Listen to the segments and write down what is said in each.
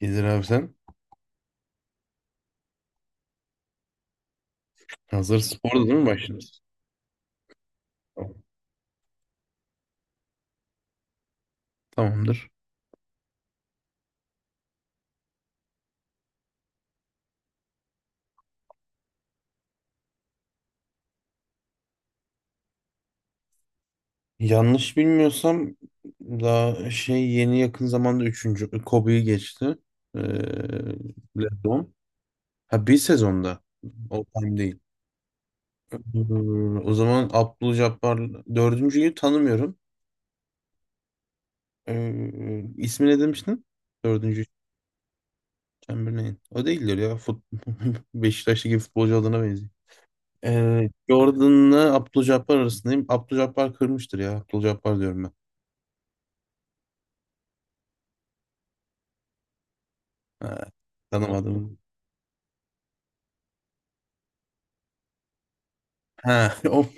İzir abi sen hazır orada değil mi, başlıyoruz? Tamam. Tamamdır. Yanlış bilmiyorsam daha yeni yakın zamanda üçüncü Kobe'yi geçti. Ee, LeBron. Ha, bir sezonda. O time değil. O zaman Abdülcabbar dördüncüyü tanımıyorum. İsmi ne demiştin? Dördüncü Chamberlain. O değildir ya. Beşiktaş'taki futbolcu adına benziyor. Jordan'la Abdülcabbar arasındayım. Abdülcabbar kırmıştır ya. Abdülcabbar diyorum. Ha, tanımadım. Ha,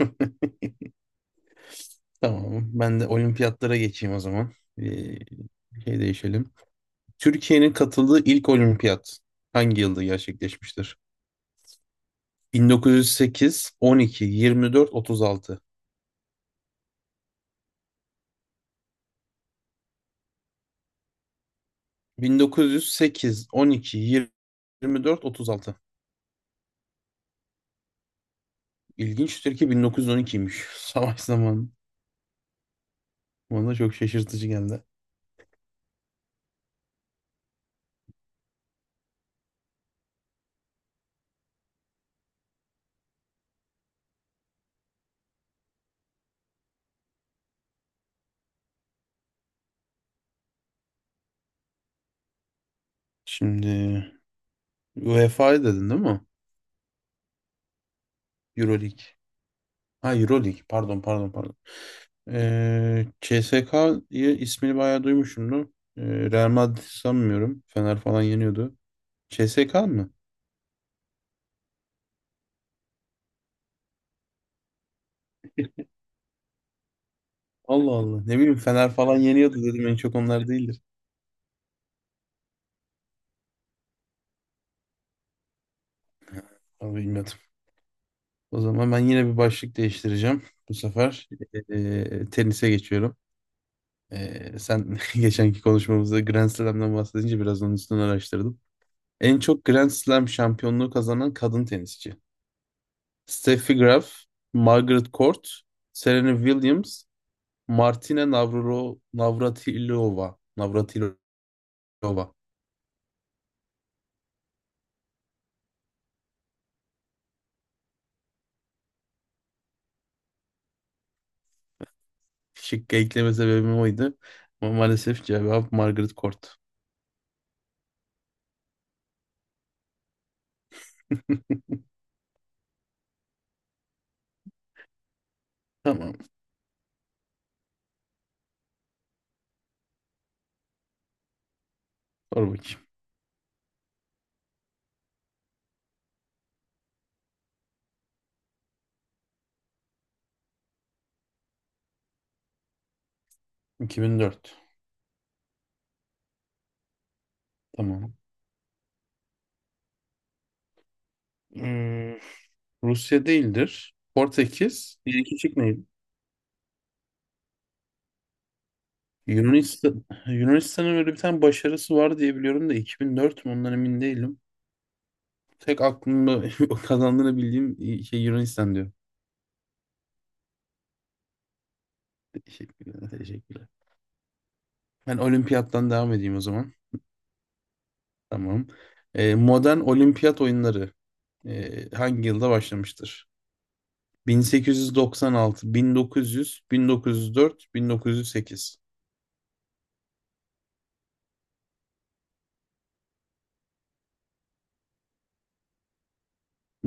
tamam. Ben de olimpiyatlara geçeyim o zaman. Ee, değişelim. Türkiye'nin katıldığı ilk olimpiyat hangi yılda gerçekleşmiştir? 1908, 12, 24, 36. 1908, 12, 24, 36. İlginçtir ki 1912'ymiş. Savaş zamanı. Bana da çok şaşırtıcı geldi. Şimdi UEFA 'yı dedin değil mi? Euroleague. Ha, Euroleague. Pardon, pardon, pardon. CSK'yı ismini bayağı duymuşumdur. Ee, Real Madrid sanmıyorum. Fener falan yeniyordu. CSK mı? Allah Allah. Ne bileyim, Fener falan yeniyordu dedim. En çok onlar değildir. Ama bilmiyordum. O zaman ben yine bir başlık değiştireceğim. Bu sefer tenise geçiyorum. Sen geçenki konuşmamızda Grand Slam'dan bahsedince biraz onun üstünden araştırdım. En çok Grand Slam şampiyonluğu kazanan kadın tenisçi: Steffi Graf, Margaret Court, Serena Williams, Martina Navrolo, Navratilova. Navratilova. Şıkkı ekleme sebebim oydu. Ama maalesef cevap Margaret Court. Tamam. Sor bakayım. 2004. Tamam. Hmm, Rusya değildir. Portekiz. Bir iki şık neydi? Yunanistan. Yunanistan'ın öyle bir tane başarısı var diye biliyorum da 2004 mü ondan emin değilim. Tek aklımda o kazandığını bildiğim şey Yunanistan diyor. Teşekkürler, teşekkürler. Ben olimpiyattan devam edeyim o zaman. Tamam. Modern olimpiyat oyunları hangi yılda başlamıştır? 1896, 1900, 1904, 1908.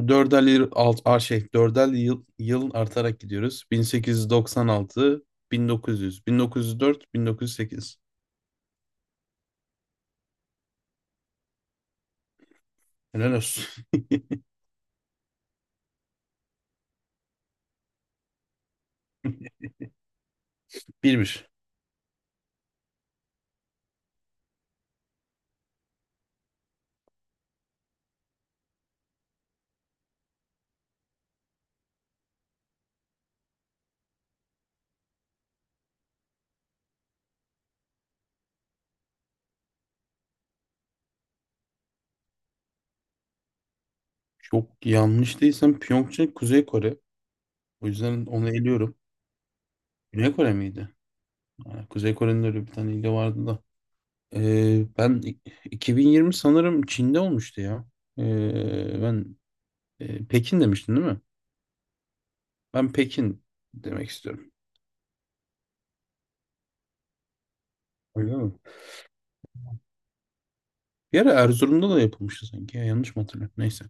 Dörder yıl, alt, a, şey, dörder yıl, yıl artarak gidiyoruz. 1896, 1900, 1904, 1908. Helal olsun. 1-1. Çok yanlış değilsem Pyeongchang Kuzey Kore. O yüzden onu eliyorum. Güney Kore miydi? Ha, Kuzey Kore'nin öyle bir tane ili vardı da. Ee, ben i- 2020 sanırım Çin'de olmuştu ya. Ee, ben Pekin demiştin değil mi? Ben Pekin demek istiyorum. Öyle mi? Bir ara Erzurum'da da yapılmıştı sanki. Ya, yanlış mı hatırlıyorum? Neyse.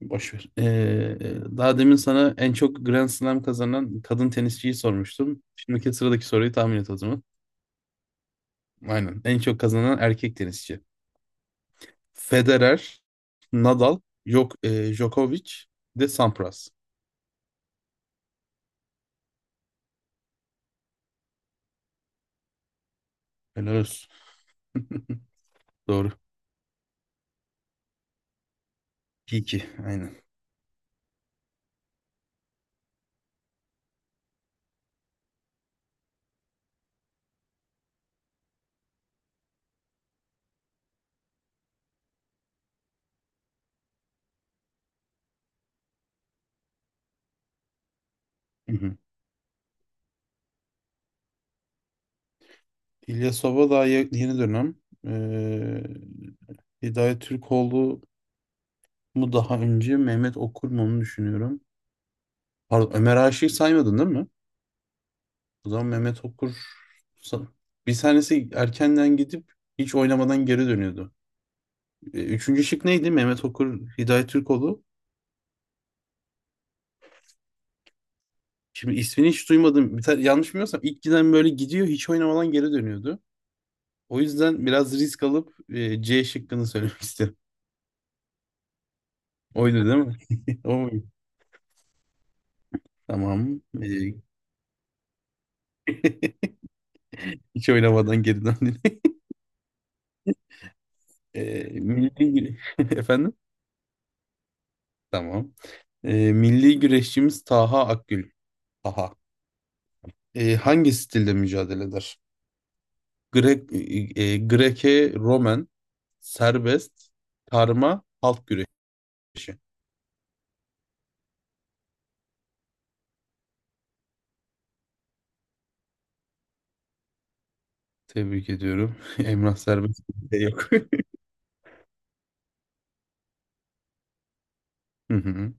Boş ver. Daha demin sana en çok Grand Slam kazanan kadın tenisçiyi sormuştum. Şimdiki sıradaki soruyu tahmin et o zaman. Aynen. En çok kazanan erkek tenisçi. Federer, Nadal, yok Djokovic, bir de Sampras. Helal olsun. Doğru. 2-2. Aynen. Hı hı. İlyas Sova daha yeni dönem. Ee, Hidayet Türkoğlu mu daha önce Mehmet Okur mu onu düşünüyorum. Pardon, Ömer Aşık'ı saymadın değil mi? O zaman Mehmet Okur sa- bir tanesi erkenden gidip hiç oynamadan geri dönüyordu. Üçüncü şık neydi? Mehmet Okur, Hidayet Türkoğlu. Şimdi ismini hiç duymadım. Bir tane, yanlış bilmiyorsam ilk giden böyle gidiyor, hiç oynamadan geri dönüyordu. O yüzden biraz risk alıp C şıkkını söylemek istedim. Oydu değil mi? O, tamam. Hiç oynamadan geri döndün. Efendim? Tamam. Milli güreşçimiz Taha Akgül. Taha. Hangi stilde mücadele eder? Greke, Romen, serbest, karma, halk güreşi. Tebrik ediyorum. Emrah serbest de yok. Hı hı.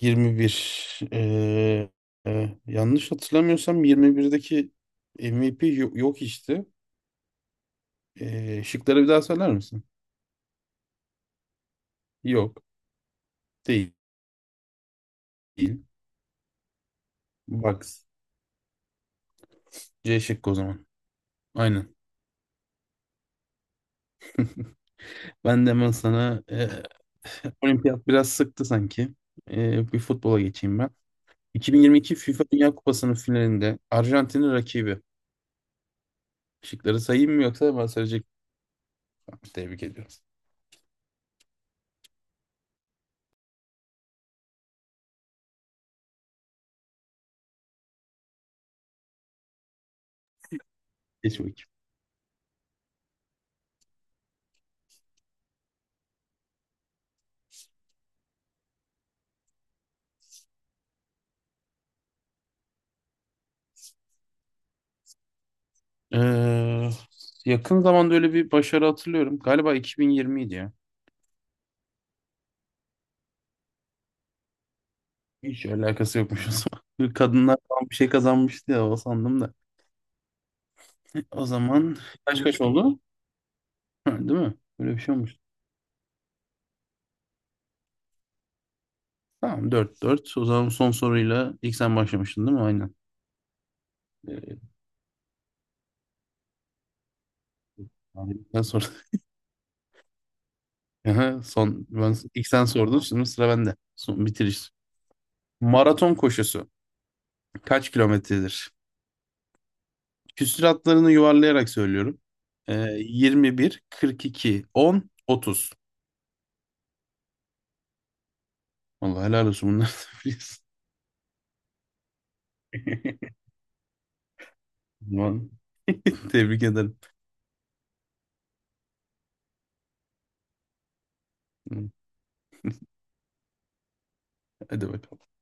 21. Yanlış hatırlamıyorsam 21'deki MVP yok işte. Şıkları bir daha söyler misin? Yok. Değil. Bucks. C şıkkı o zaman. Aynen. Ben de hemen sana olimpiyat biraz sıktı sanki. Bir futbola geçeyim ben. 2022 FIFA Dünya Kupası'nın finalinde Arjantin'in rakibi. Şıkları sayayım mı yoksa ben sadece tebrik ediyorum. Geç bakayım. Ee, yakın zamanda öyle bir başarı hatırlıyorum. Galiba 2020 idi ya. Hiç alakası yokmuş o zaman. Bir kadınlar falan bir şey kazanmıştı ya, o sandım da. O zaman kaç kaç oldu? Ha, değil mi? Böyle bir şey olmuş. Tamam, dört dört. O zaman son soruyla ilk sen başlamıştın değil mi? Aynen. Ee, ben sordum. Aha, ilk sen sordun, şimdi sıra bende. Son, bitiriş. Maraton koşusu kaç kilometredir? Küsür yuvarlayarak söylüyorum. Yirmi bir, 42, 10, 30. Vallahi helal olsun, bunları da biliyorsun. Aman, tebrik ederim. Hadi bakalım.